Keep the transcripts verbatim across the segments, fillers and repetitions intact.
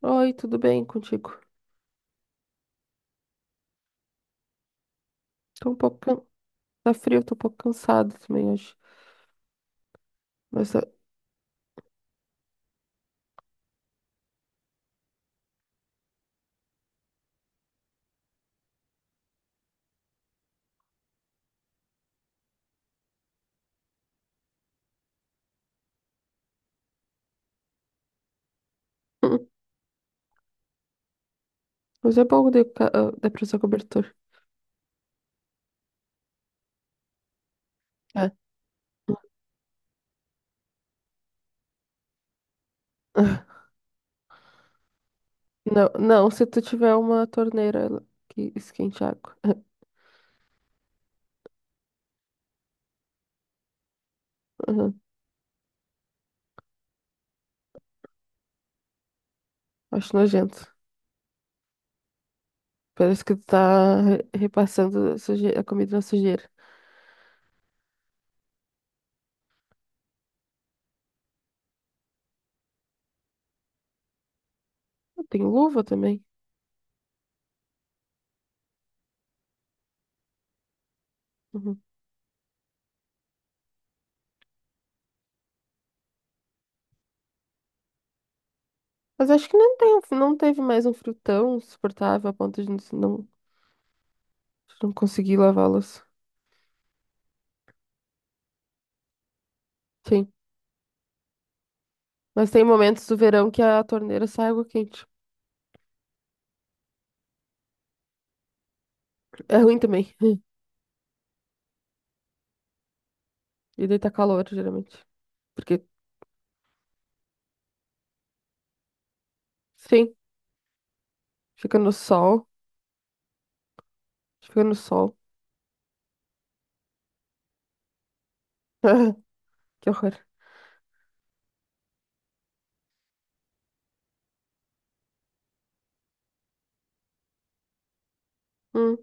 Oi, tudo bem contigo? Tô um pouco. Can- tá frio, tô um pouco cansado também hoje. Mas ah, hum, mas é bom de, ca- ah, dá pra usar cobertor. É. Ah, não, não, se tu tiver uma torneira que esquente água. Aham. Acho nojento. Parece que tu tá re- repassando a, suje- a comida na sujeira. Tem luva também. Uhum. Mas acho que não tem, um, não teve mais um frio tão suportável a ponto de não, não conseguir lavá-las. Sim. Mas tem momentos do verão que a torneira sai água quente. É ruim também. E daí tá calor, geralmente. Porque, sim, fica no sol. Fica no sol. Que horror. Hum.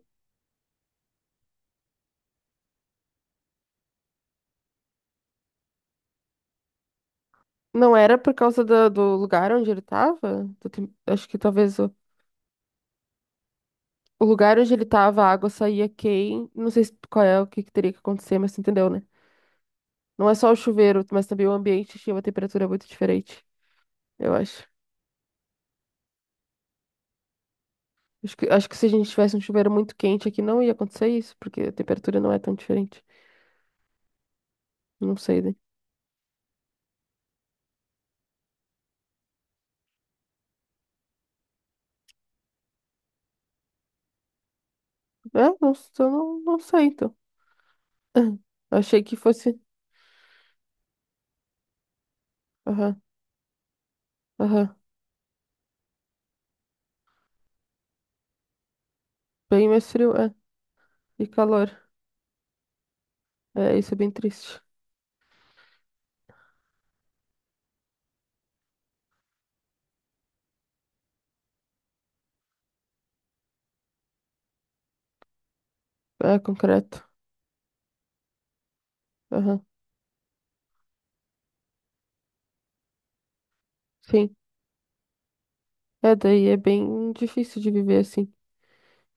Não era por causa do, do lugar onde ele tava? Do tem- acho que talvez. O lugar onde ele tava, a água saía quente não sei se- qual é o que que teria que acontecer, mas tu entendeu, né? Não é só o chuveiro, mas também o ambiente tinha uma temperatura muito diferente, eu acho. Acho que, acho que se a gente tivesse um chuveiro muito quente aqui, não ia acontecer isso, porque a temperatura não é tão diferente. Não sei, né? É, não, s- eu não, não sei, então. Achei que fosse. Aham, aham. Bem mais frio, é. E calor. É, isso é bem triste. É, concreto. Aham, sim. É, daí é bem difícil de viver assim.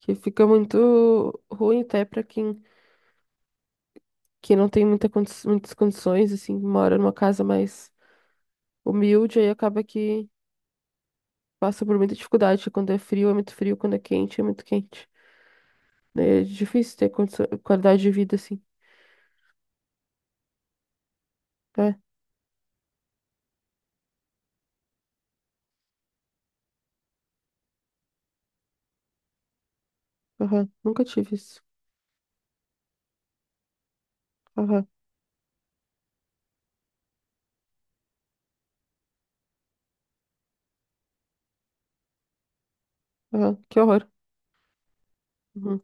Que fica muito ruim até para quem que não tem muita condi- muitas condições, assim, mora numa casa mais humilde, aí acaba que passa por muita dificuldade. Quando é frio, é muito frio, quando é quente, é muito quente. Né? É difícil ter condição, qualidade de vida, assim. É, aham, nunca tive isso. Aham, aham, que horror. Uhum.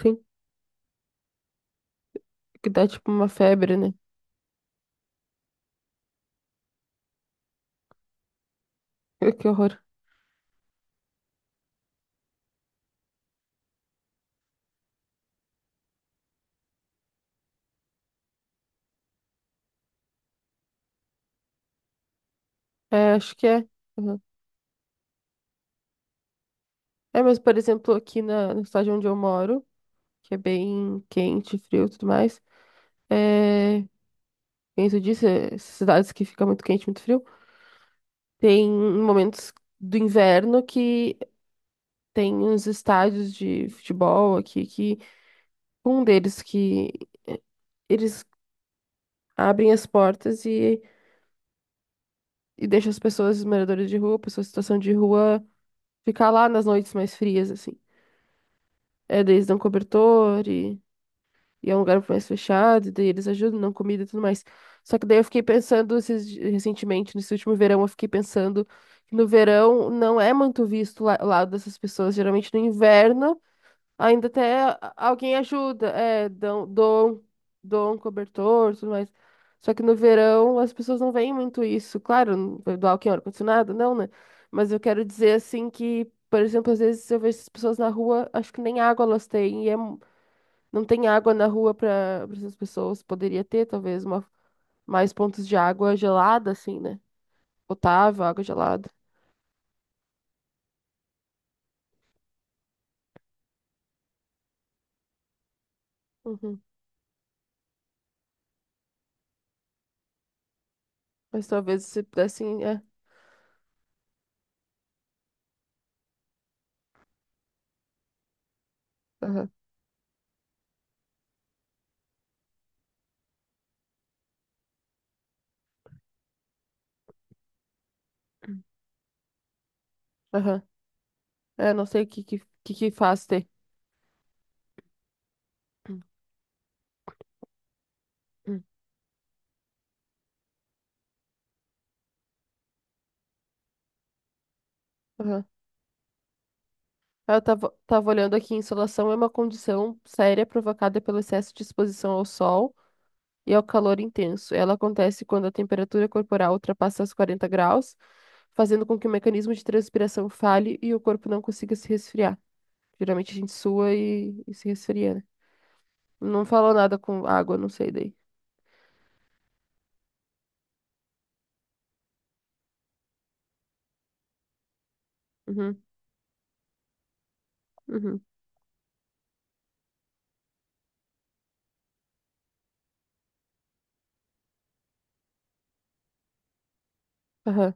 Sim, que dá tipo uma febre, né? Que horror. É, acho que é. Aham. É, mas, por exemplo, aqui na, na cidade onde eu moro, que é bem quente, frio e tudo mais, é, isso disse, eh, cidades que fica muito quente, muito frio. Tem momentos do inverno que tem uns estádios de futebol aqui que um deles que eh, eles abrem as portas e, e deixam as pessoas, os moradores de rua, pessoas em situação de rua, ficar lá nas noites mais frias, assim. É, daí eles dão cobertor. e E é um lugar mais fechado, daí eles ajudam, não comida e tudo mais. Só que daí eu fiquei pensando esses di- recentemente, nesse último verão, eu fiquei pensando que no verão não é muito visto lá- o lado dessas pessoas. Geralmente no inverno ainda até a- alguém ajuda, é, dão, dão, dão um cobertor, tudo mais. Só que no verão as pessoas não veem muito isso. Claro, não vai doar o que é ar-condicionado, não, né? Mas eu quero dizer assim que, por exemplo, às vezes eu vejo essas pessoas na rua, acho que nem água elas têm, e é não tem água na rua para essas pessoas. Poderia ter, talvez, uma, mais pontos de água gelada, assim, né? Potável, água gelada. Uhum. Mas talvez se pudessem. É, aham, aham. É, não sei o que, que, que, que faz ter. Hum, aham. É, eu tava, tava olhando aqui, insolação é uma condição séria provocada pelo excesso de exposição ao sol e ao calor intenso. Ela acontece quando a temperatura corporal ultrapassa os quarenta graus, fazendo com que o mecanismo de transpiração falhe e o corpo não consiga se resfriar. Geralmente a gente sua e, e se resfria, né? Não falou nada com água, não sei daí. Uhum, uhum, aham,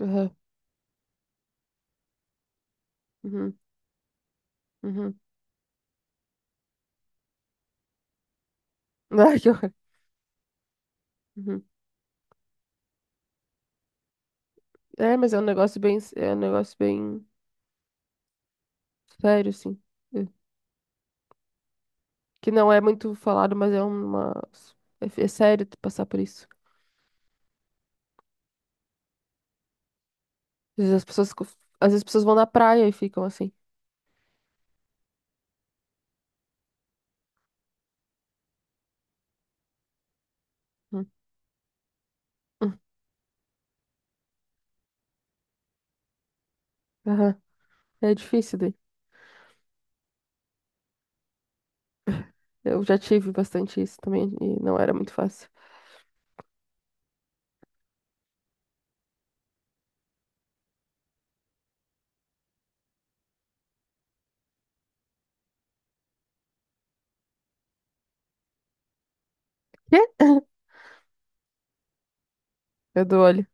aham, uhum, uhum. Ai, que horror. Uhum. É, mas é um negócio bem, é um negócio bem sério, assim. É. Que não é muito falado, mas é uma... É, é sério tu passar por isso. Às vezes as pessoas, co- às vezes as pessoas vão na praia e ficam assim. Hum, hum, aham. É difícil daí. Eu já tive bastante isso também e não era muito fácil. Quê? É do olho.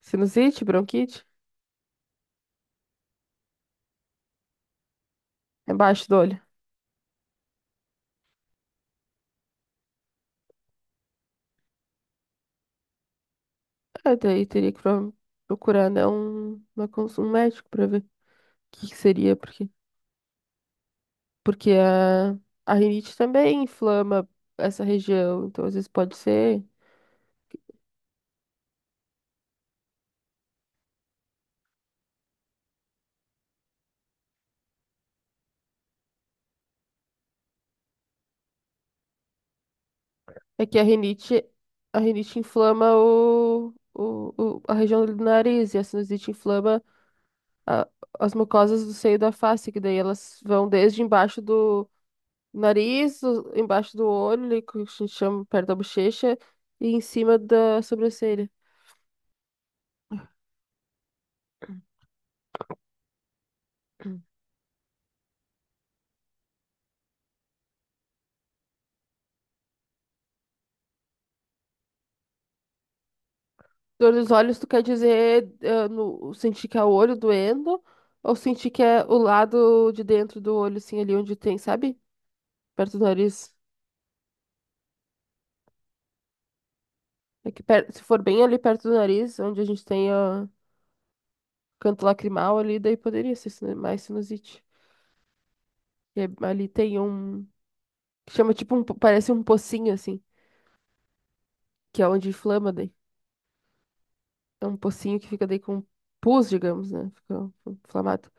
Sinusite, bronquite? É embaixo do olho. É, daí teria que pro- procurar, né, um, uma cons- um médico pra ver o que que seria, porque, porque a, a rinite também inflama essa região, então às vezes pode ser. É que a rinite, a rinite inflama o, o, o- a região do nariz, e a sinusite inflama a- as mucosas do seio da face, que daí elas vão desde embaixo do nariz, o- embaixo do olho, ali, que a gente chama perto da bochecha, e em cima da sobrancelha. Dor nos olhos, tu quer dizer eh, no, sentir que é o olho doendo ou sentir que é o lado de dentro do olho, assim, ali onde tem, sabe? Perto do nariz. Aqui per- se for bem ali perto do nariz, onde a gente tem o canto lacrimal ali, daí poderia ser sinu- mais sinusite. E é- ali tem um, que chama tipo um, po- parece um pocinho, assim, que é onde inflama daí. É um pocinho que fica daí com pus, digamos, né? Fica inflamado.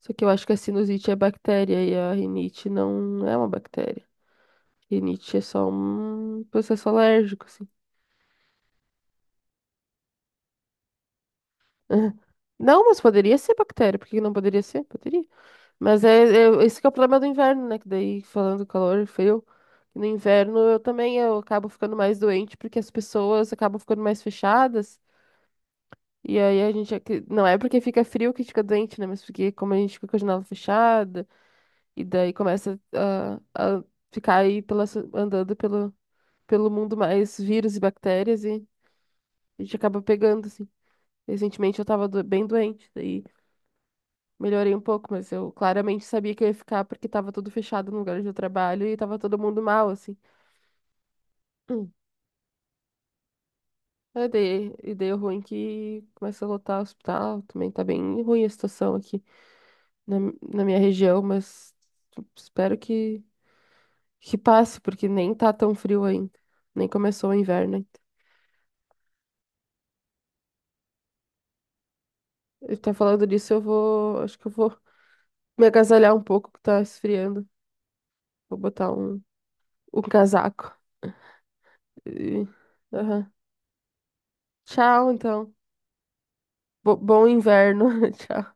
Só que eu acho que a sinusite é bactéria e a rinite não é uma bactéria. Rinite é só um processo alérgico, assim. Não, mas poderia ser bactéria. Por que que não poderia ser? Poderia. Mas é, é- esse que é o problema do inverno, né? Que daí, falando do calor frio, no inverno eu também eu acabo ficando mais doente porque as pessoas acabam ficando mais fechadas. E aí a gente... é que- não é porque fica frio que a gente fica doente, né? Mas porque como a gente fica com a janela fechada, e daí começa a, a ficar aí pela, so- andando pelo, pelo mundo mais vírus e bactérias e a gente acaba pegando, assim. Recentemente eu tava do- bem doente, daí melhorei um pouco, mas eu claramente sabia que eu ia ficar porque tava tudo fechado no lugar onde eu trabalho e tava todo mundo mal, assim. Hum. Aí dei, e dei o ruim que começa a lotar o hospital, também tá bem ruim a situação aqui na, na minha região, mas espero que, que passe, porque nem tá tão frio ainda, nem começou o inverno ainda. Eu tá falando disso, eu vou, acho que eu vou me agasalhar um pouco que tá esfriando, vou botar um, um casaco. E- aham. Tchau, então. Bo- bom inverno. Tchau.